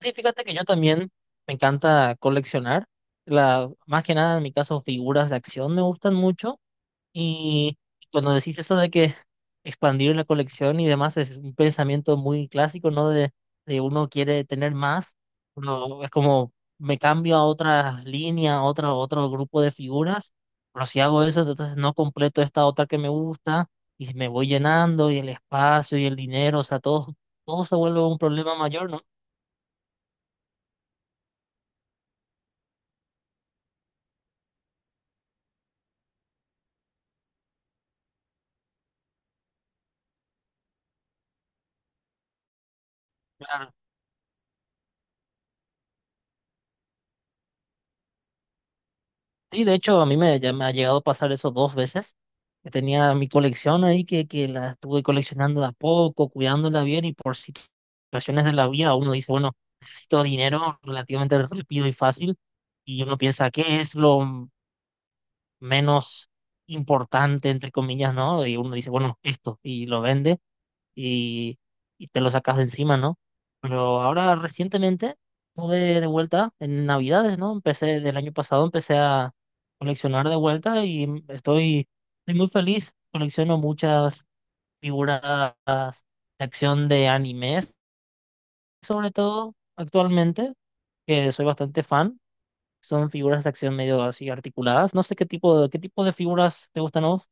Sí, fíjate que yo también me encanta coleccionar, más que nada en mi caso figuras de acción me gustan mucho y cuando decís eso de que expandir la colección y demás es un pensamiento muy clásico, ¿no? De uno quiere tener más, no, es como me cambio a otra línea, a otra, otro grupo de figuras, pero si hago eso, entonces no completo esta otra que me gusta y si me voy llenando y el espacio y el dinero, o sea, todo, todo se vuelve un problema mayor, ¿no? Sí, de hecho, ya me ha llegado a pasar eso dos veces. Que tenía mi colección ahí que la estuve coleccionando de a poco, cuidándola bien y por situaciones de la vida uno dice, bueno, necesito dinero relativamente rápido y fácil y uno piensa, ¿qué es lo menos importante, entre comillas? ¿No? Y uno dice, bueno, esto y lo vende y, y te lo sacas de encima, ¿no? Pero ahora recientemente pude de vuelta en Navidades, ¿no? Empecé del año pasado, empecé a coleccionar de vuelta y estoy muy feliz. Colecciono muchas figuras de acción de animes, sobre todo actualmente, que soy bastante fan. Son figuras de acción medio así articuladas. No sé qué tipo de figuras te gustan a vos.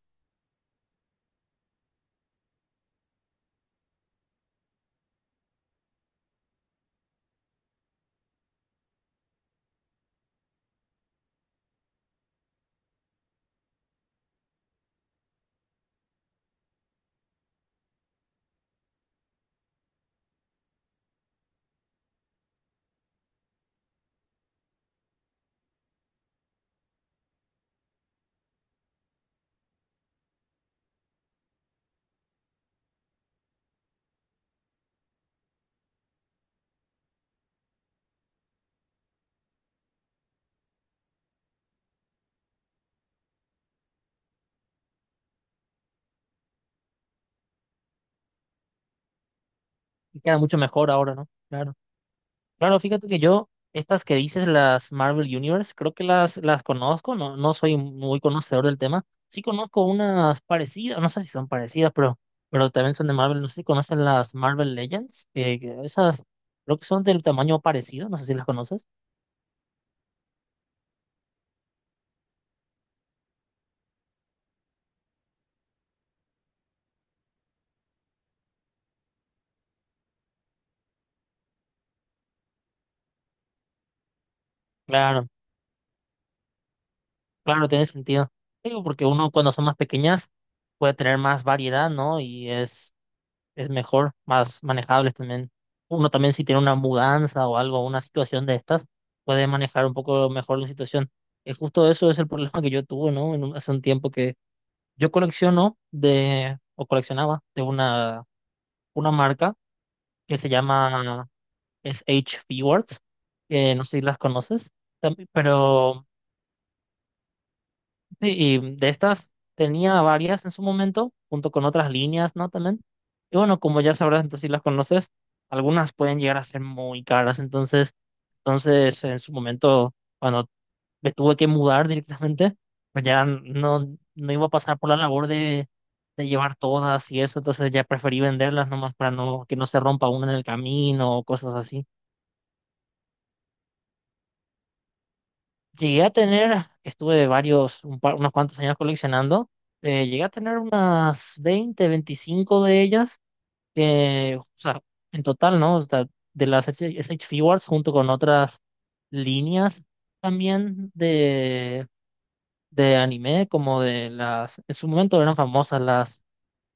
Y queda mucho mejor ahora, ¿no? Claro. Claro, fíjate que yo, estas que dices, las Marvel Universe, creo que las conozco, no, no soy muy conocedor del tema. Sí conozco unas parecidas, no sé si son parecidas, pero también son de Marvel. No sé si conocen las Marvel Legends, que esas creo que son del tamaño parecido, no sé si las conoces. Claro, claro, tiene sentido. Digo, porque uno cuando son más pequeñas puede tener más variedad, ¿no? Y es mejor, más manejables también. Uno también si tiene una mudanza o algo, una situación de estas, puede manejar un poco mejor la situación. Es justo eso es el problema que yo tuve, ¿no? Hace un tiempo que yo colecciono o coleccionaba de una marca que se llama S H Words, que no sé si las conoces, pero... Sí, y de estas tenía varias en su momento, junto con otras líneas, ¿no? También. Y bueno, como ya sabrás, entonces si las conoces, algunas pueden llegar a ser muy caras. Entonces en su momento, cuando me tuve que mudar directamente, pues ya no, no iba a pasar por la labor de llevar todas y eso. Entonces ya preferí venderlas nomás para no, que no se rompa una en el camino o cosas así. Llegué a tener, estuve varios, unos cuantos años coleccionando, llegué a tener unas 20, 25 de ellas, que, o sea, en total, ¿no? O sea, de las SH Figures junto con otras líneas también de anime, como de las, en su momento eran famosas las,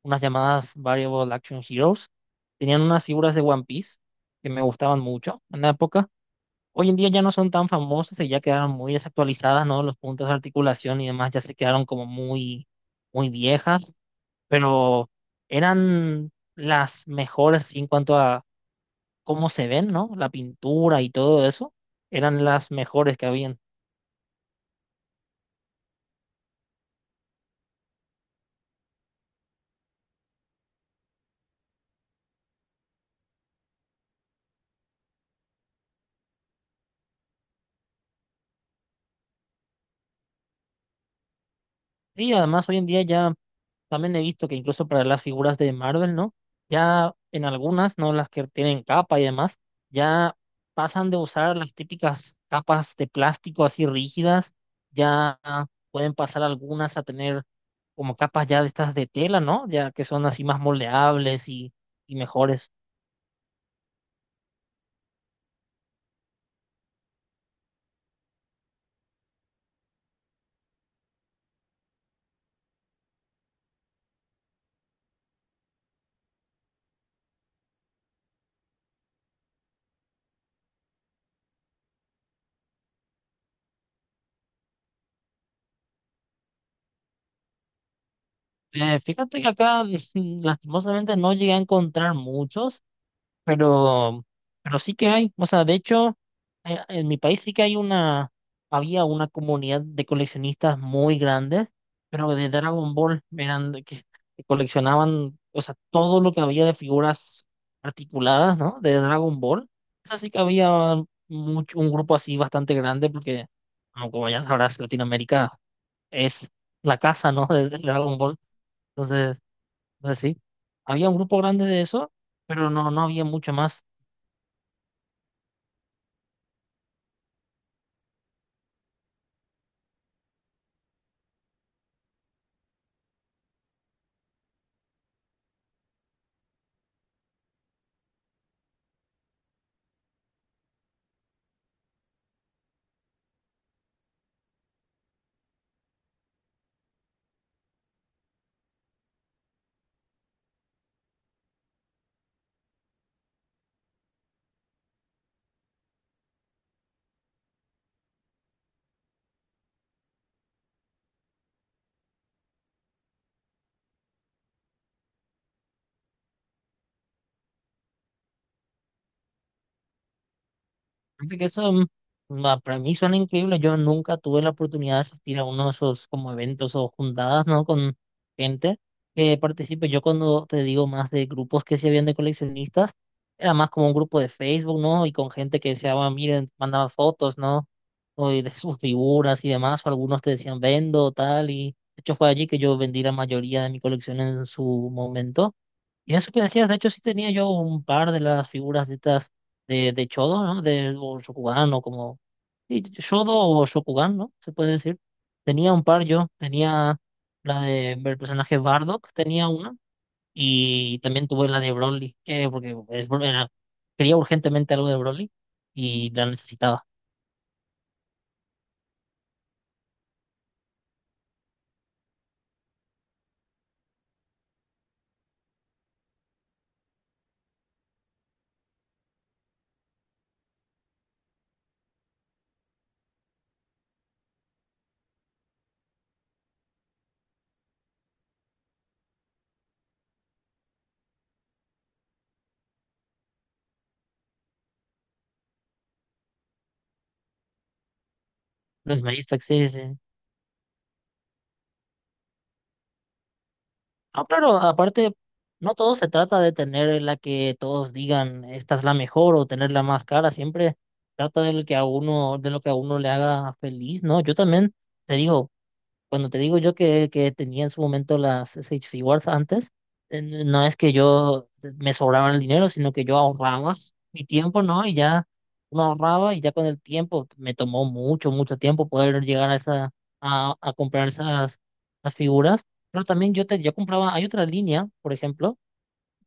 unas llamadas Variable Action Heroes, tenían unas figuras de One Piece que me gustaban mucho en la época. Hoy en día ya no son tan famosas y ya quedaron muy desactualizadas, ¿no? Los puntos de articulación y demás ya se quedaron como muy, muy viejas, pero eran las mejores así en cuanto a cómo se ven, ¿no? La pintura y todo eso, eran las mejores que habían. Y además hoy en día ya también he visto que incluso para las figuras de Marvel, ¿no? Ya en algunas, ¿no? Las que tienen capa y demás, ya pasan de usar las típicas capas de plástico así rígidas, ya pueden pasar algunas a tener como capas ya de estas de tela, ¿no? Ya que son así más moldeables y mejores. Fíjate que acá lastimosamente no llegué a encontrar muchos, pero, pero sí que hay. O sea, de hecho, en mi país sí que hay había una comunidad de coleccionistas muy grande, pero de Dragon Ball eran de que coleccionaban, o sea, todo lo que había de figuras articuladas, ¿no? De Dragon Ball. Eso sí que había mucho, un grupo así bastante grande, porque como ya sabrás, Latinoamérica es la casa, ¿no? de Dragon Ball. Entonces, pues sí, había un grupo grande de eso, pero no, no había mucho más. Fíjate que eso para mí suena increíble. Yo nunca tuve la oportunidad de asistir a uno de esos como eventos o juntadas, ¿no? Con gente que participe. Yo cuando te digo más de grupos que se habían de coleccionistas, era más como un grupo de Facebook, ¿no? Y con gente que deseaba, miren, mandaban fotos, ¿no? O de sus figuras y demás, o algunos te decían vendo, tal, y de hecho fue allí que yo vendí la mayoría de mi colección en su momento. Y eso que decías, de hecho sí tenía yo un par de las figuras de estas de Chodo, ¿no? O Shokugan o como... Sí, Shodo o Shokugan, ¿no? Se puede decir. Tenía un par yo, tenía la del personaje Bardock, tenía una, y también tuve la de Broly, porque quería urgentemente algo de Broly y la necesitaba. Los Magistrat, sí, sí. No, claro, aparte, no todo se trata de tener la que todos digan esta es la mejor o tener la más cara, siempre trata de lo que a uno le haga feliz, ¿no? Yo también te digo, cuando te digo yo que tenía en su momento las SH Figuarts antes, no es que yo me sobraba el dinero, sino que yo ahorraba mi tiempo, ¿no? Y ya uno ahorraba y ya con el tiempo me tomó mucho, mucho tiempo poder llegar a esa, a comprar esas, las figuras. Pero también yo compraba, hay otra línea, por ejemplo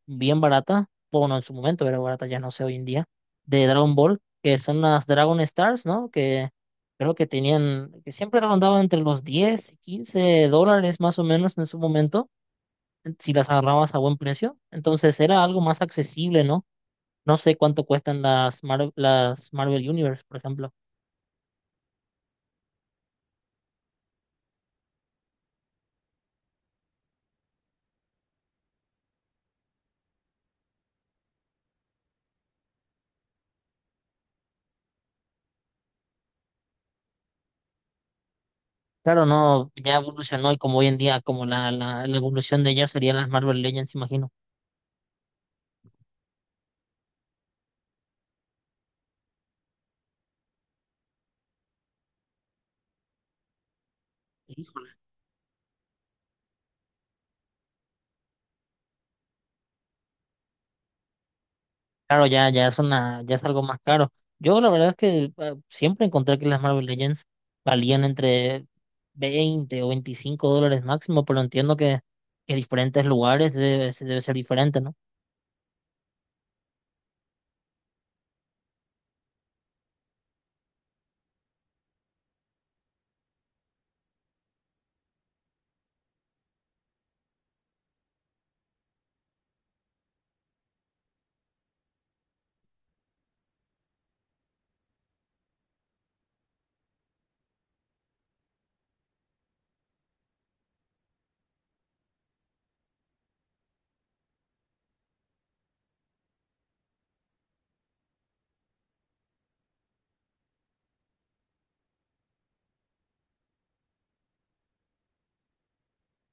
bien barata, bueno, en su momento era barata, ya no sé hoy en día, de Dragon Ball, que son las Dragon Stars, ¿no? Que creo que tenían, que siempre rondaban entre los 10 y $15 más o menos en su momento, si las agarrabas a buen precio. Entonces era algo más accesible, ¿no? No sé cuánto cuestan las Marvel Universe, por ejemplo. Claro, no, ya evolucionó y como hoy en día, como la evolución de ellas serían las Marvel Legends, imagino. Claro, ya es algo más caro. Yo la verdad es que siempre encontré que las Marvel Legends valían entre $20 o $25 máximo, pero entiendo que, en diferentes lugares debe ser diferente, ¿no?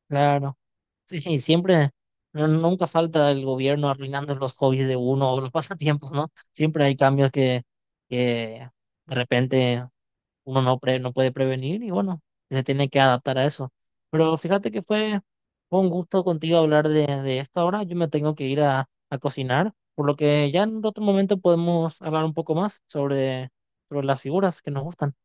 Claro. Sí, sí, siempre, nunca falta el gobierno arruinando los hobbies de uno o los pasatiempos, ¿no? Siempre hay cambios que de repente uno no puede prevenir y bueno, se tiene que adaptar a eso. Pero fíjate que fue un gusto contigo hablar de esto ahora. Yo me tengo que ir a cocinar, por lo que ya en otro momento podemos hablar un poco más sobre las figuras que nos gustan.